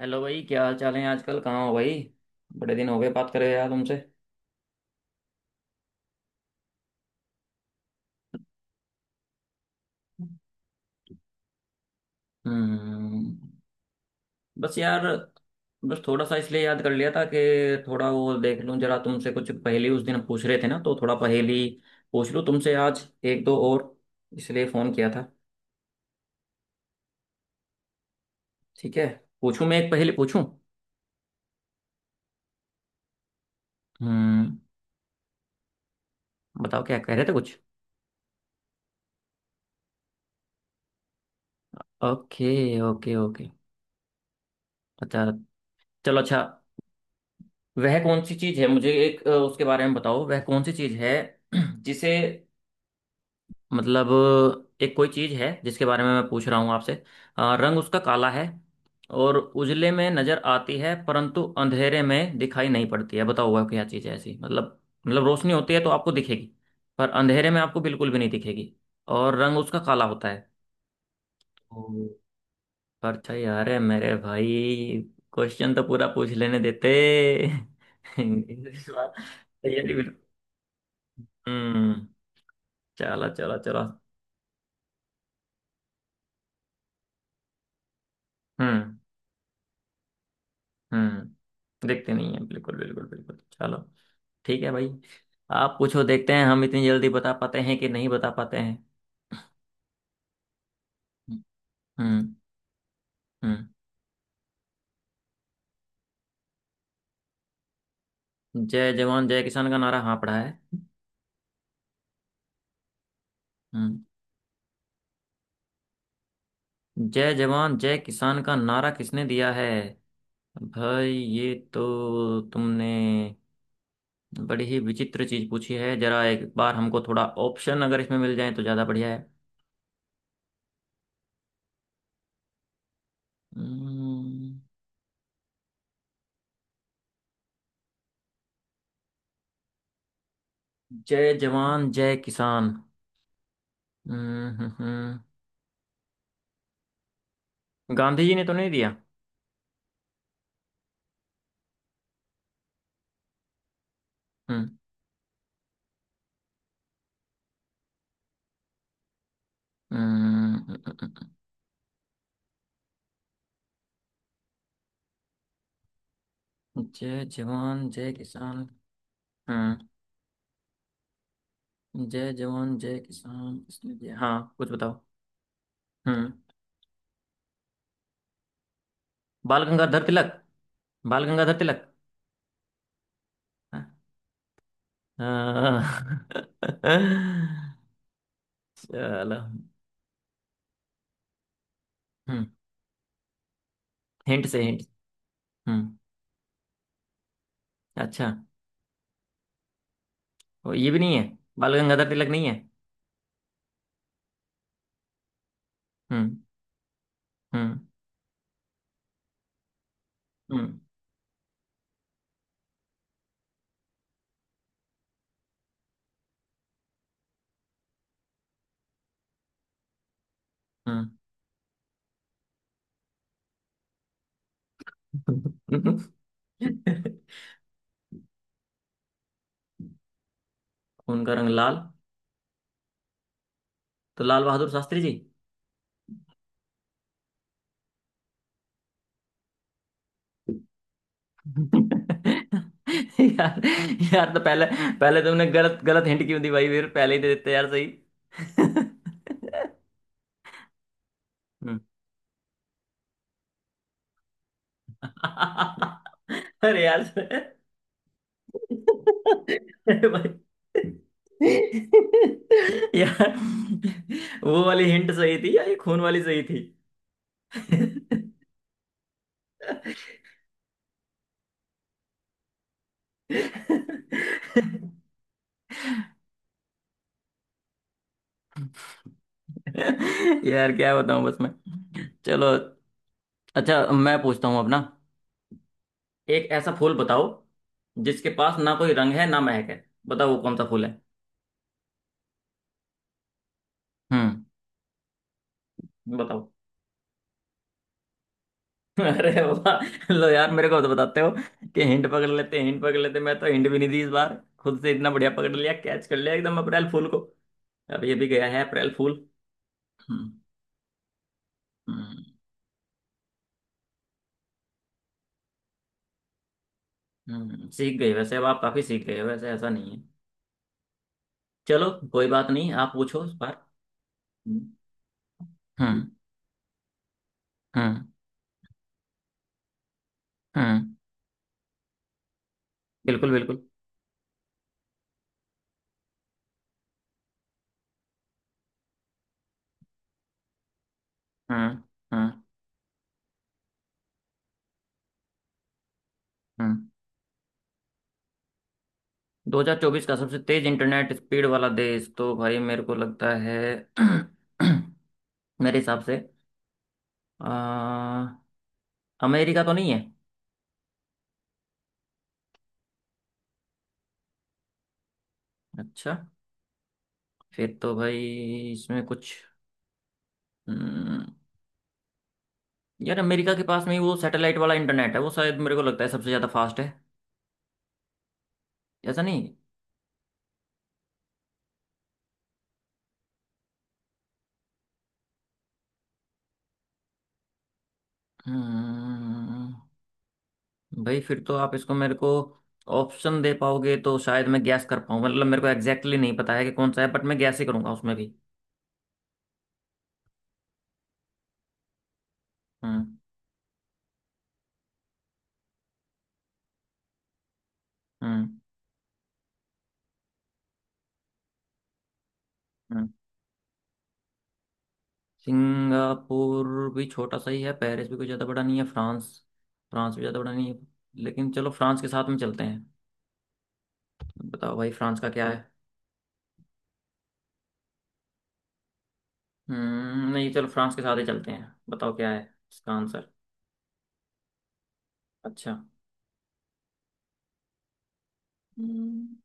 Hello भाई, क्या हाल चाल है आजकल? कहाँ हो भाई? बड़े दिन हो गए बात करे यार तुमसे। हम्म। बस यार, बस थोड़ा सा इसलिए याद कर लिया था कि थोड़ा वो देख लूं जरा तुमसे, कुछ पहेली उस दिन पूछ रहे थे ना, तो थोड़ा पहेली पूछ लूं तुमसे आज एक दो और, इसलिए फोन किया था। ठीक है। पूछूं? मैं एक पहेली पूछूं? हम्म। बताओ, क्या कह रहे थे कुछ? ओके। Okay okay. अच्छा। चलो अच्छा। वह कौन सी चीज है, मुझे एक उसके बारे में बताओ, वह कौन सी चीज है जिसे, मतलब, एक कोई चीज है जिसके बारे में मैं पूछ रहा हूँ आपसे। रंग उसका काला है और उजले में नजर आती है परंतु अंधेरे में दिखाई नहीं पड़ती है। बताओ वह क्या चीज है ऐसी, मतलब? मतलब रोशनी होती है तो आपको दिखेगी, पर अंधेरे में आपको बिल्कुल भी नहीं दिखेगी और रंग उसका काला होता है। तो परछाई! अरे मेरे भाई, क्वेश्चन तो पूरा पूछ लेने देते। इंग्लिश वाला तैयारी भी-। हम्म। चलो चलो चलो। हम्म। हम्म, देखते नहीं है बिल्कुल बिल्कुल बिल्कुल। चलो ठीक है भाई। आप पूछो, देखते हैं हम इतनी जल्दी बता पाते हैं कि नहीं बता पाते हैं। हम्म। हम्म। जय जवान जय किसान का नारा, हाँ पढ़ा है। हम्म। जय जवान जय किसान का नारा किसने दिया है? भाई ये तो तुमने बड़ी ही विचित्र चीज पूछी है। जरा एक बार हमको थोड़ा ऑप्शन अगर इसमें मिल जाए तो ज्यादा बढ़िया है। हम्म। जय जवान जय किसान। हम्म। हम्म। हम्म। गांधी जी ने तो नहीं दिया। हम्म। हम्म। हम्म। हम्म। हम्म। जय जवान जय किसान। हम्म। जय जवान जय किसान, इसमें जय, हाँ कुछ बताओ। हम्म। बाल गंगाधर तिलक। बाल गंगाधर तिलक। हाँ। चलो। हम्म। हिंट से हिंट। हम्म। अच्छा। वो ये भी नहीं है? बाल गंगाधर तिलक नहीं है? हम्म। हम्म। हम्म। हम्म। खून का रंग लाल। तो लाल बहादुर शास्त्री जी। यार, यार तो पहले, पहले तुमने गलत गलत हिंट क्यों दी भाई? फिर पहले ही दे देते यार सही। हम्म। अरे यार। अरे भाई। यार, वो वाली हिंट सही थी या ये खून वाली सही थी? यार क्या बताऊं, बस मैं, चलो। अच्छा मैं पूछता हूँ अपना। एक ऐसा फूल बताओ जिसके पास ना कोई रंग है ना महक है। बताओ वो कौन सा फूल है? हम्म। बताओ। अरे बाबा, लो यार, मेरे को तो बताते हो कि हिंट पकड़ लेते, हिंट पकड़ लेते, मैं तो हिंट भी नहीं दी इस बार, खुद से इतना बढ़िया पकड़ लिया, कैच कर लिया एकदम अप्रैल फूल को। अब ये भी गया है अप्रैल फूल। हम्म। हम्म। सीख गए वैसे। अब आप काफी सीख गए हो, वैसे ऐसा नहीं है। चलो कोई बात नहीं, आप पूछो इस बार। हम्म। हम्म। हम्म। हम्म, बिल्कुल बिल्कुल। हम्म। हम्म। हम्म। 2024 का सबसे तेज इंटरनेट स्पीड वाला देश तो भाई, मेरे को लगता है मेरे हिसाब से आ, अमेरिका तो नहीं है? अच्छा। फिर तो भाई इसमें कुछ, हम्म, यार अमेरिका के पास में ही वो सैटेलाइट वाला इंटरनेट है, वो शायद मेरे को लगता है सबसे ज़्यादा फास्ट है। ऐसा नहीं। हम्म, भाई फिर तो आप इसको मेरे को ऑप्शन दे पाओगे तो शायद मैं गैस कर पाऊँ। मतलब मेरे को एग्जैक्टली exactly नहीं पता है कि कौन सा है, बट मैं गैस ही करूंगा उसमें भी। हम्म। हम्म। हम्म। सिंगापुर भी छोटा सा ही है, पेरिस भी कोई ज़्यादा बड़ा नहीं है, फ्रांस, फ्रांस भी ज़्यादा बड़ा नहीं है, लेकिन चलो फ्रांस के साथ में चलते हैं। बताओ भाई फ्रांस का क्या है? हम्म, नहीं चलो फ्रांस के साथ ही चलते हैं। बताओ क्या है इसका आंसर। अच्छा। हम्म,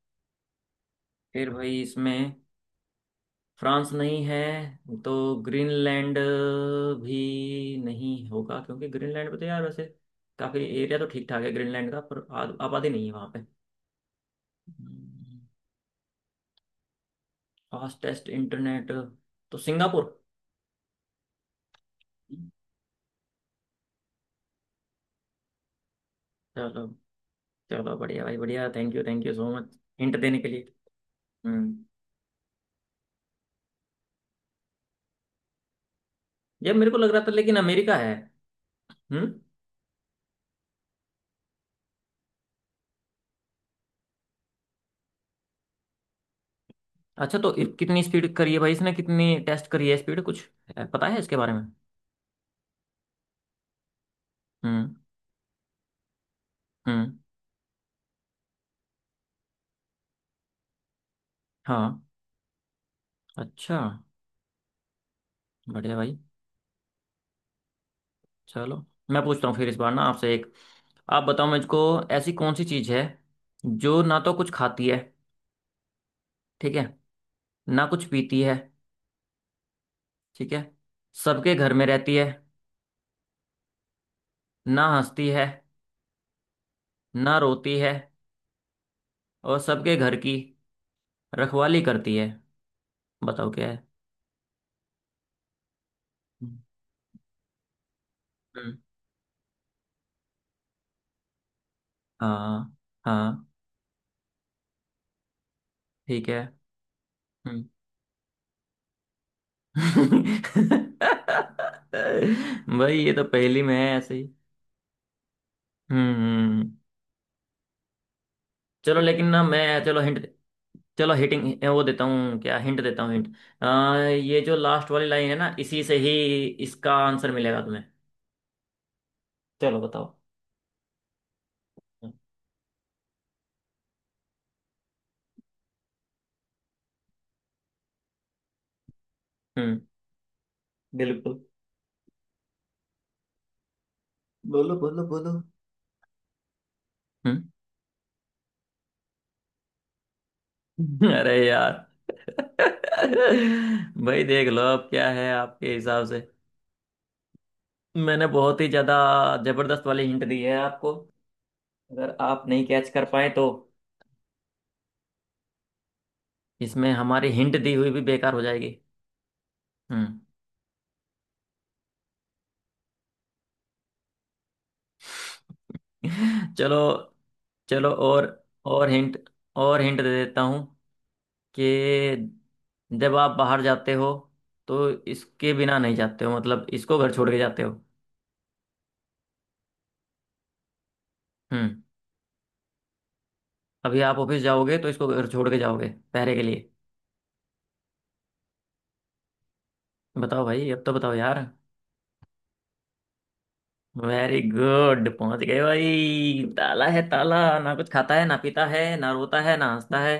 फिर भाई इसमें फ्रांस नहीं है तो ग्रीनलैंड भी नहीं होगा, क्योंकि ग्रीनलैंड पे तो यार वैसे काफ़ी एरिया तो ठीक ठाक है ग्रीनलैंड का, पर आबादी नहीं है वहाँ पे। फास्टेस्ट इंटरनेट, तो सिंगापुर। चलो। चलो बढ़िया भाई बढ़िया। Thank you, thank you so much hint देने के लिए। हम्म। यार मेरे को लग रहा था लेकिन अमेरिका है। हम्म। अच्छा तो कितनी स्पीड करी है भाई इसने? कितनी टेस्ट करी है स्पीड, कुछ है, पता है इसके बारे में? हम्म। हम्म। हाँ। अच्छा। बढ़िया भाई। चलो। मैं पूछता हूँ फिर इस बार ना आपसे एक। आप बताओ मुझको। ऐसी कौन सी चीज़ है जो ना तो कुछ खाती है, ठीक है, ना कुछ पीती है, ठीक है, सबके घर में रहती है, ना हंसती है, ना रोती है, और सबके घर की रखवाली करती है, बताओ क्या है? हम्म। हाँ। हाँ। ठीक है। हम्म। भाई ये तो पहेली में है ऐसे ही। हम्म। चलो लेकिन, ना मैं, चलो हिंट, चलो हिटिंग वो देता हूँ, क्या हिंट देता हूँ हिंट। ये जो लास्ट वाली लाइन है ना, इसी से ही इसका आंसर मिलेगा तुम्हें। चलो बताओ। हम्म। बिल्कुल। बोलो बोलो बोलो। अरे यार। भाई देख लो अब क्या है आपके हिसाब से। मैंने बहुत ही ज्यादा जबरदस्त वाली हिंट दी है आपको। अगर आप नहीं कैच कर पाए तो इसमें हमारी हिंट दी हुई भी बेकार हो जाएगी। हम्म। चलो। चलो और हिंट, और हिंट दे देता हूँ कि जब आप बाहर जाते हो तो इसके बिना नहीं जाते हो, मतलब इसको घर छोड़ के जाते हो। हम्म। अभी आप ऑफिस जाओगे तो इसको घर छोड़ के जाओगे पहरे के लिए। बताओ भाई अब तो बताओ यार। वेरी गुड, पहुंच गए भाई। ताला है, ताला ना कुछ खाता है ना पीता है ना रोता है ना हंसता है।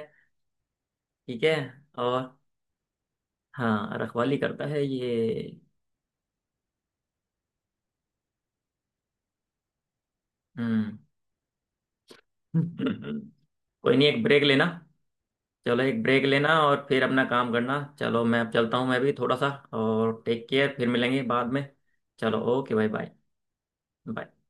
ठीक है। और हाँ, रखवाली करता है ये। हम्म। कोई नहीं, एक ब्रेक लेना। चलो एक ब्रेक लेना और फिर अपना काम करना। चलो मैं अब चलता हूँ, मैं भी थोड़ा सा। और टेक केयर, फिर मिलेंगे बाद में। चलो ओके भाई बाय। बाय।